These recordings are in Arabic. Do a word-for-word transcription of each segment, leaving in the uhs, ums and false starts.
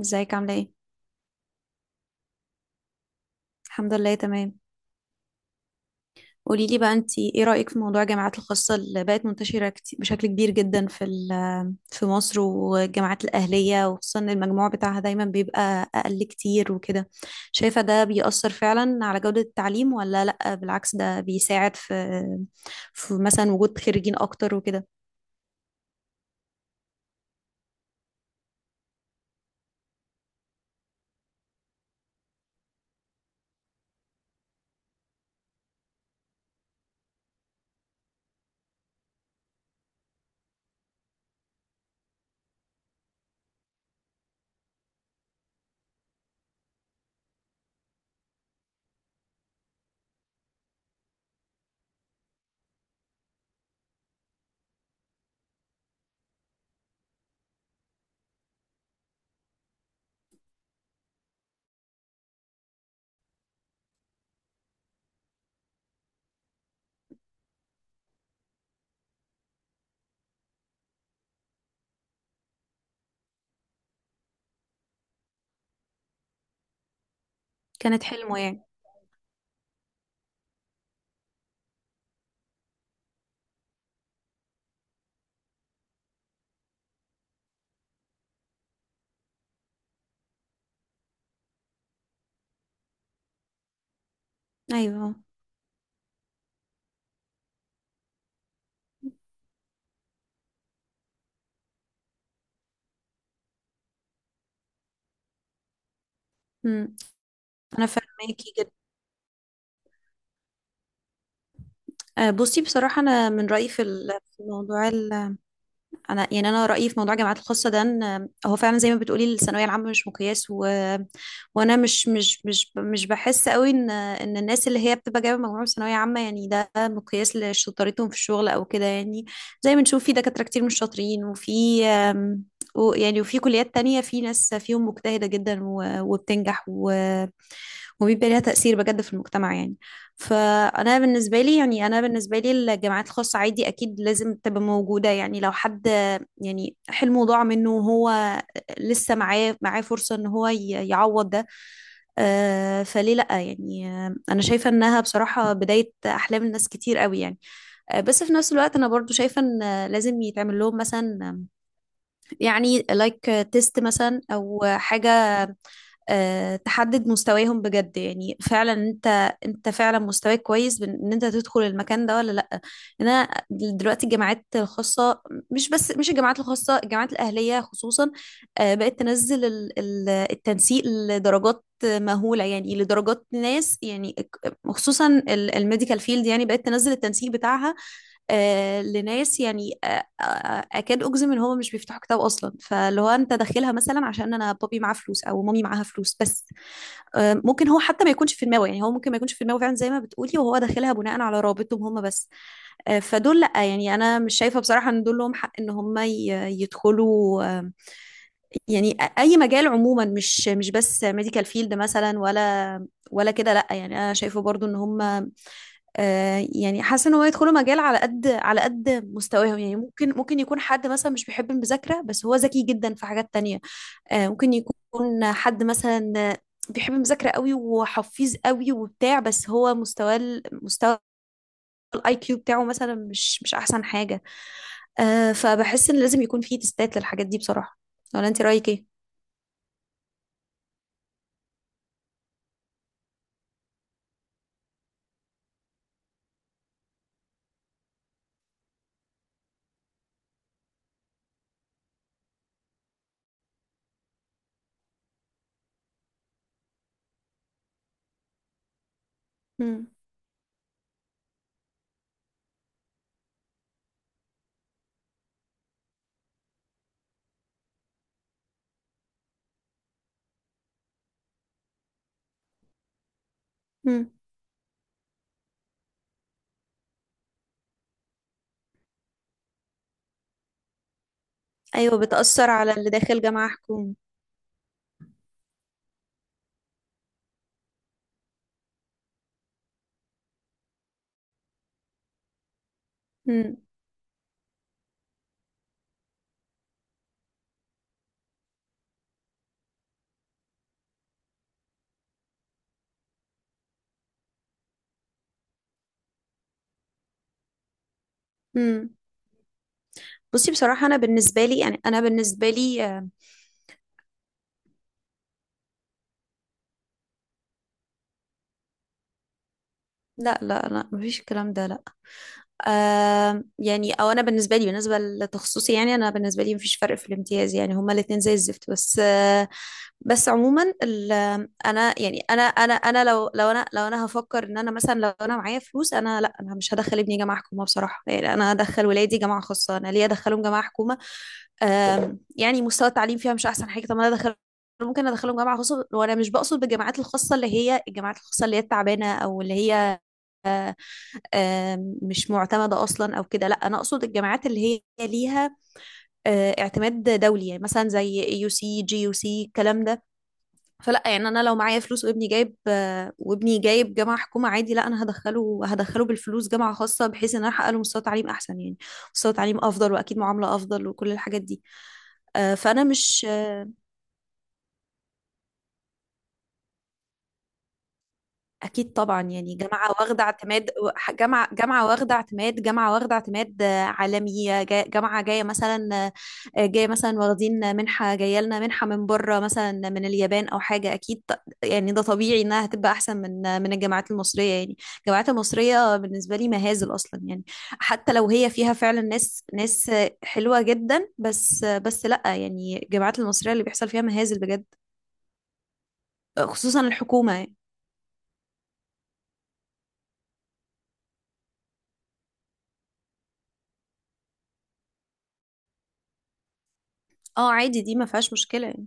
ازيك؟ عاملة ايه؟ الحمد لله تمام. قولي لي بقى، انتي ايه رأيك في موضوع الجامعات الخاصة اللي بقت منتشرة كتير بشكل كبير جدا في ال- في مصر، والجامعات الأهلية؟ وخصوصا ان المجموع بتاعها دايما بيبقى أقل كتير وكده. شايفة ده بيأثر فعلا على جودة التعليم ولا لأ؟ بالعكس، ده بيساعد في في مثلا وجود خريجين أكتر وكده؟ كانت حلمه يعني. أيوه. مم. أنا فاهماكي جدا. آه، بصي، بصراحة أنا من رأيي في ال- في موضوع، انا يعني انا رايي في موضوع الجامعات الخاصه ده، ان هو فعلا زي ما بتقولي، الثانويه العامه مش مقياس. و... وانا مش مش مش مش بحس قوي ان ان الناس اللي هي بتبقى جايبه مجموع من ثانويه عامه، يعني ده مقياس لشطارتهم في الشغل او كده يعني. زي ما نشوف في دكاتره كتير مش شاطرين، وفي آم، و... يعني وفي كليات تانية في ناس فيهم مجتهده جدا و... وبتنجح و... وبيبقى ليها تأثير بجد في المجتمع يعني. فأنا بالنسبة لي يعني أنا بالنسبة لي الجامعات الخاصة عادي، أكيد لازم تبقى موجودة، يعني لو حد يعني حلمه ضاع منه، وهو لسه معاه معاه فرصة إن هو ي- يعوض ده، آه فليه لأ يعني. آه، أنا شايفة إنها بصراحة بداية أحلام الناس كتير قوي يعني. آه، بس في نفس الوقت أنا برضو شايفة إن لازم يتعمل لهم مثلا يعني لايك تيست مثلا، أو حاجة آه، تحدد مستواهم بجد. يعني فعلا انت انت فعلا مستواك كويس بان إن انت تدخل المكان ده ولا لا. إن انا دلوقتي الجامعات الخاصه، مش بس مش الجامعات الخاصه، الجامعات الاهليه خصوصا، آه، بقت تنزل ال- ال- التنسيق لدرجات مهوله، يعني لدرجات ناس، يعني خصوصا الميديكال فيلد، يعني بقت تنزل التنسيق بتاعها آه، لناس يعني، آه، آه، اكاد اجزم ان هما مش بيفتحوا كتاب اصلا. فاللي هو انت داخلها مثلا عشان انا بابي معاه فلوس او مامي معاها فلوس بس. آه، ممكن هو حتى ما يكونش في دماغه، يعني هو ممكن ما يكونش في دماغه فعلا زي ما بتقولي، وهو داخلها بناء على رابطهم هما بس. آه، فدول لا، يعني انا مش شايفه بصراحه ان دول لهم حق ان هم ي- يدخلوا آه، يعني اي مجال عموما، مش مش بس ميديكال فيلد مثلا ولا ولا كده، لا. يعني انا شايفه برضو ان هم آه، يعني حاسه ان هو يدخلوا مجال على قد على قد مستواهم. يعني ممكن ممكن يكون حد مثلا مش بيحب المذاكره، بس هو ذكي جدا في حاجات تانية. آه، ممكن يكون حد مثلا بيحب المذاكره قوي وحفيظ قوي وبتاع، بس هو مستواه ال- مستوى الاي كيو بتاعه مثلا مش مش احسن حاجه. آه، فبحس ان لازم يكون في تستات للحاجات دي بصراحه. ولا انت رايك ايه؟ مم. مم. ايوه بتاثر على اللي داخل جامعه حكومي. مم. مم. بصي بصراحه، انا بالنسبه لي يعني انا بالنسبه لي آه، لا لا لا، مفيش الكلام ده، لا. آم يعني، او انا بالنسبه لي، بالنسبه لتخصصي، يعني انا بالنسبه لي مفيش فرق في الامتياز، يعني هما الاتنين زي الزفت. بس آه بس عموما ال- انا يعني، انا انا انا لو لو انا لو انا هفكر ان انا مثلا لو انا معايا فلوس، انا لا، انا مش هدخل ابني جامعه حكومه بصراحه، يعني انا هدخل ولادي جامعه خاصه. انا ليه ادخلهم جامعه حكومه؟ آم، يعني مستوى التعليم فيها مش احسن حاجه، طب ما انا ادخل، ممكن ادخلهم جامعه خاصه. وانا مش بقصد بالجامعات الخاصه اللي هي الجامعات الخاصه اللي هي التعبانه، او اللي هي آم، مش معتمدة أصلا أو كده، لا. أنا أقصد الجامعات اللي هي ليها آه، اعتماد دولي، يعني مثلا زي يو سي، جي يو سي، الكلام ده. فلا، يعني أنا لو معايا فلوس وابني جايب آه، وابني جايب جامعة حكومة عادي، لا، أنا هدخله، هدخله بالفلوس جامعة خاصة، بحيث إن أنا أحقق له مستوى تعليم أحسن، يعني مستوى تعليم أفضل، وأكيد معاملة أفضل، وكل الحاجات دي. آه، فأنا مش اكيد طبعا، يعني جامعه واخده اعتماد، ح- جامعه جامعه واخده اعتماد جامعه واخده اعتماد آه، عالمي، آه، جا- جامعه جايه مثلا آه، جايه مثلا واخدين منحه، جايه لنا منحه من بره مثلا، من اليابان او حاجه، اكيد ط- يعني ده طبيعي انها هتبقى احسن من آه، من الجامعات المصريه، يعني الجامعات المصريه بالنسبه لي مهازل اصلا يعني. حتى لو هي فيها فعلا ناس ناس آه، حلوه جدا، بس آه، بس لا يعني، الجامعات المصريه اللي بيحصل فيها مهازل بجد، آه، خصوصا الحكومه يعني. اه عادي، دي ما فيهاش مشكله يعني.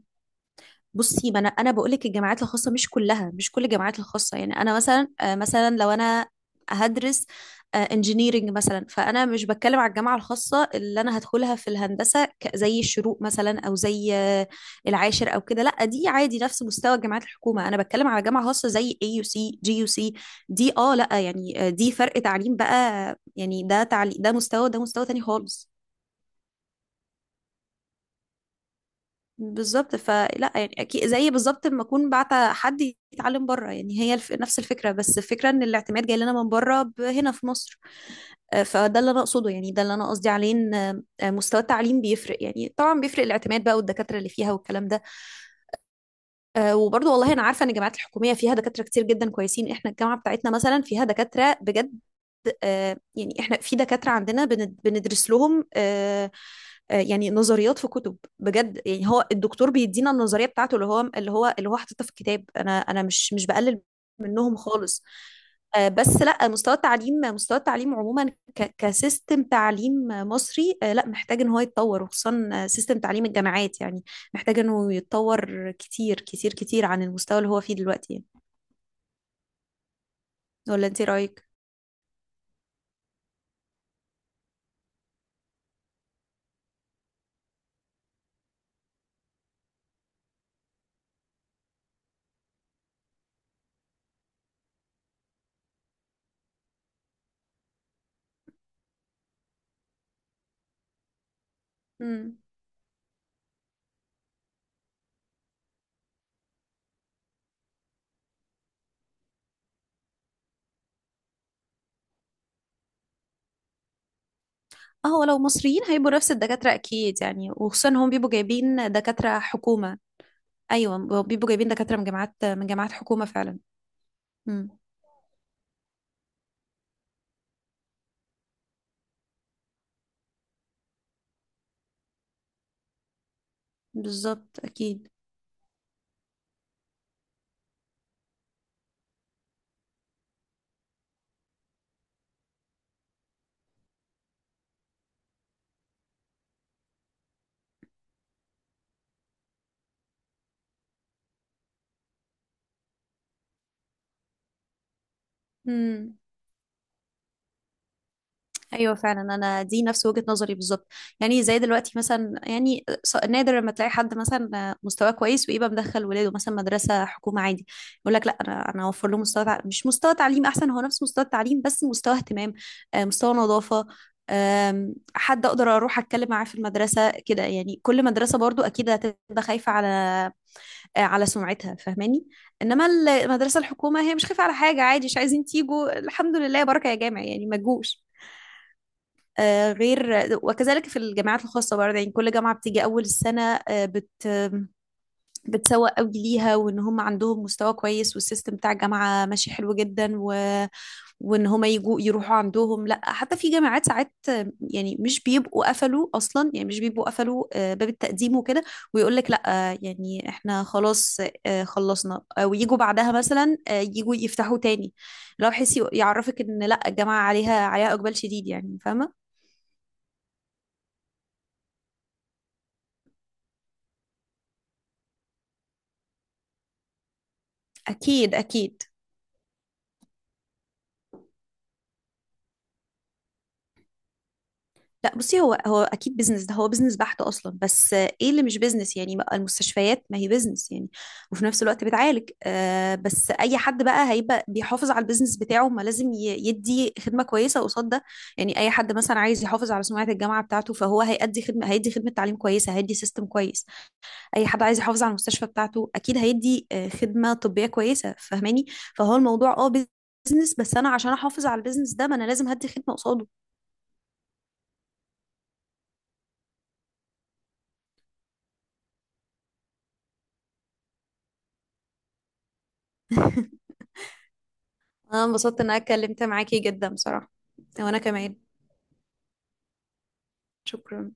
بصي، ما انا انا بقول لك الجامعات الخاصه مش كلها، مش كل الجامعات الخاصه. يعني انا مثلا، آه، مثلا لو انا هدرس انجينيرنج مثلا، فانا مش بتكلم على الجامعه الخاصه اللي انا هدخلها في الهندسه ك- زي الشروق مثلا، او زي آه، العاشر او كده، لا، دي عادي نفس مستوى جامعات الحكومه. انا بتكلم على جامعه خاصه زي اي يو سي، جي يو سي، دي اه. لا يعني آه، دي فرق تعليم بقى، يعني ده تعليم، ده مستوى، ده مستوى تاني خالص. بالظبط. فلا يعني، اكيد زي بالظبط لما اكون بعت حد يتعلم بره، يعني هي الف... نفس الفكره، بس الفكره ان الاعتماد جاي لنا من بره، ب- هنا في مصر. آه، فده اللي انا اقصده، يعني ده اللي انا قصدي عليه، ان آه، آه، مستوى التعليم بيفرق، يعني طبعا بيفرق، الاعتماد بقى، والدكاتره اللي فيها، والكلام ده. آه، وبرضه والله انا عارفه ان الجامعات الحكوميه فيها دكاتره كتير جدا كويسين، احنا الجامعه بتاعتنا مثلا فيها دكاتره بجد. آه، يعني احنا في دكاترة عندنا بند- بندرس لهم، آه، آه، يعني نظريات في كتب بجد، يعني هو الدكتور بيدينا النظرية بتاعته اللي هو اللي هو اللي هو حاططها في الكتاب. انا انا مش مش بقلل منهم خالص. آه، بس لا، مستوى التعليم، مستوى التعليم عموما ك- كسيستم تعليم مصري، آه، لا، محتاج ان هو يتطور، وخصوصا آه، سيستم تعليم الجامعات، يعني محتاج انه يتطور كتير كتير كتير عن المستوى اللي هو فيه دلوقتي يعني. ولا انت رأيك؟ مم. اه، هو لو مصريين هيبقوا نفس الدكاترة أكيد يعني، وخصوصا هم بيبقوا جايبين دكاترة حكومة. أيوة، بيبقوا جايبين دكاترة من جامعات، من جامعات حكومة فعلا. امم. بالظبط أكيد. امم. ايوه فعلا، انا دي نفس وجهة نظري بالظبط. يعني زي دلوقتي مثلا، يعني ص- نادر لما تلاقي حد مثلا مستواه كويس، ويبقى مدخل ولاده مثلا مدرسة حكومة عادي. يقول لك لا، انا انا اوفر له مستوى تع... مش مستوى تعليم احسن، هو نفس مستوى التعليم، بس مستوى اهتمام، آه، مستوى نظافة، آم، حد اقدر اروح اتكلم معاه في المدرسة كده. يعني كل مدرسة برضو اكيد هتبقى خايفة على آه، على سمعتها، فاهماني. انما المدرسة الحكومة هي مش خايفة على حاجة، عادي، مش عايزين تيجوا، الحمد لله بركة، يا جامع يعني، ما تجوش. آه، غير وكذلك في الجامعات الخاصة برضه، يعني كل جامعة بتيجي أول السنة، آه، بت بتسوق قوي ليها، وإن هم عندهم مستوى كويس، والسيستم بتاع الجامعة ماشي حلو جدا، و... وإن هم يجوا يروحوا عندهم. لا، حتى في جامعات ساعات آه، يعني مش بيبقوا قفلوا أصلا، يعني مش بيبقوا قفلوا آه، باب التقديم وكده، ويقول لك لا، آه، يعني إحنا خلاص آه، خلصنا، آه، ويجوا بعدها مثلا آه، يجوا يفتحوا تاني، لو حس يعرفك إن لا، الجامعة عليها عليها إقبال شديد يعني، فاهمة. اكيد اكيد. لا بصي، هو هو اكيد بيزنس، ده هو بيزنس بحت اصلا. بس آه، ايه اللي مش بيزنس يعني، ما- المستشفيات ما هي بيزنس يعني، وفي نفس الوقت بتعالج. آه، بس اي حد بقى هيبقى بيحافظ على البيزنس بتاعه، ما لازم ي- يدي خدمة كويسة قصاد ده. يعني اي حد مثلا عايز يحافظ على سمعة الجامعة بتاعته، فهو هيأدي خدمة، هيدي خدمة تعليم كويسة، هيدي سيستم كويس. اي حد عايز يحافظ على المستشفى بتاعته اكيد هيدي آه، خدمة طبية كويسة، فاهماني. فهو الموضوع اه بيزنس، بس انا عشان احافظ على البيزنس ده، ما انا لازم هدي خدمة قصاده. انا انبسطت ان انا اتكلمت معاكي جدا بصراحة. وانا كمان. شكرا.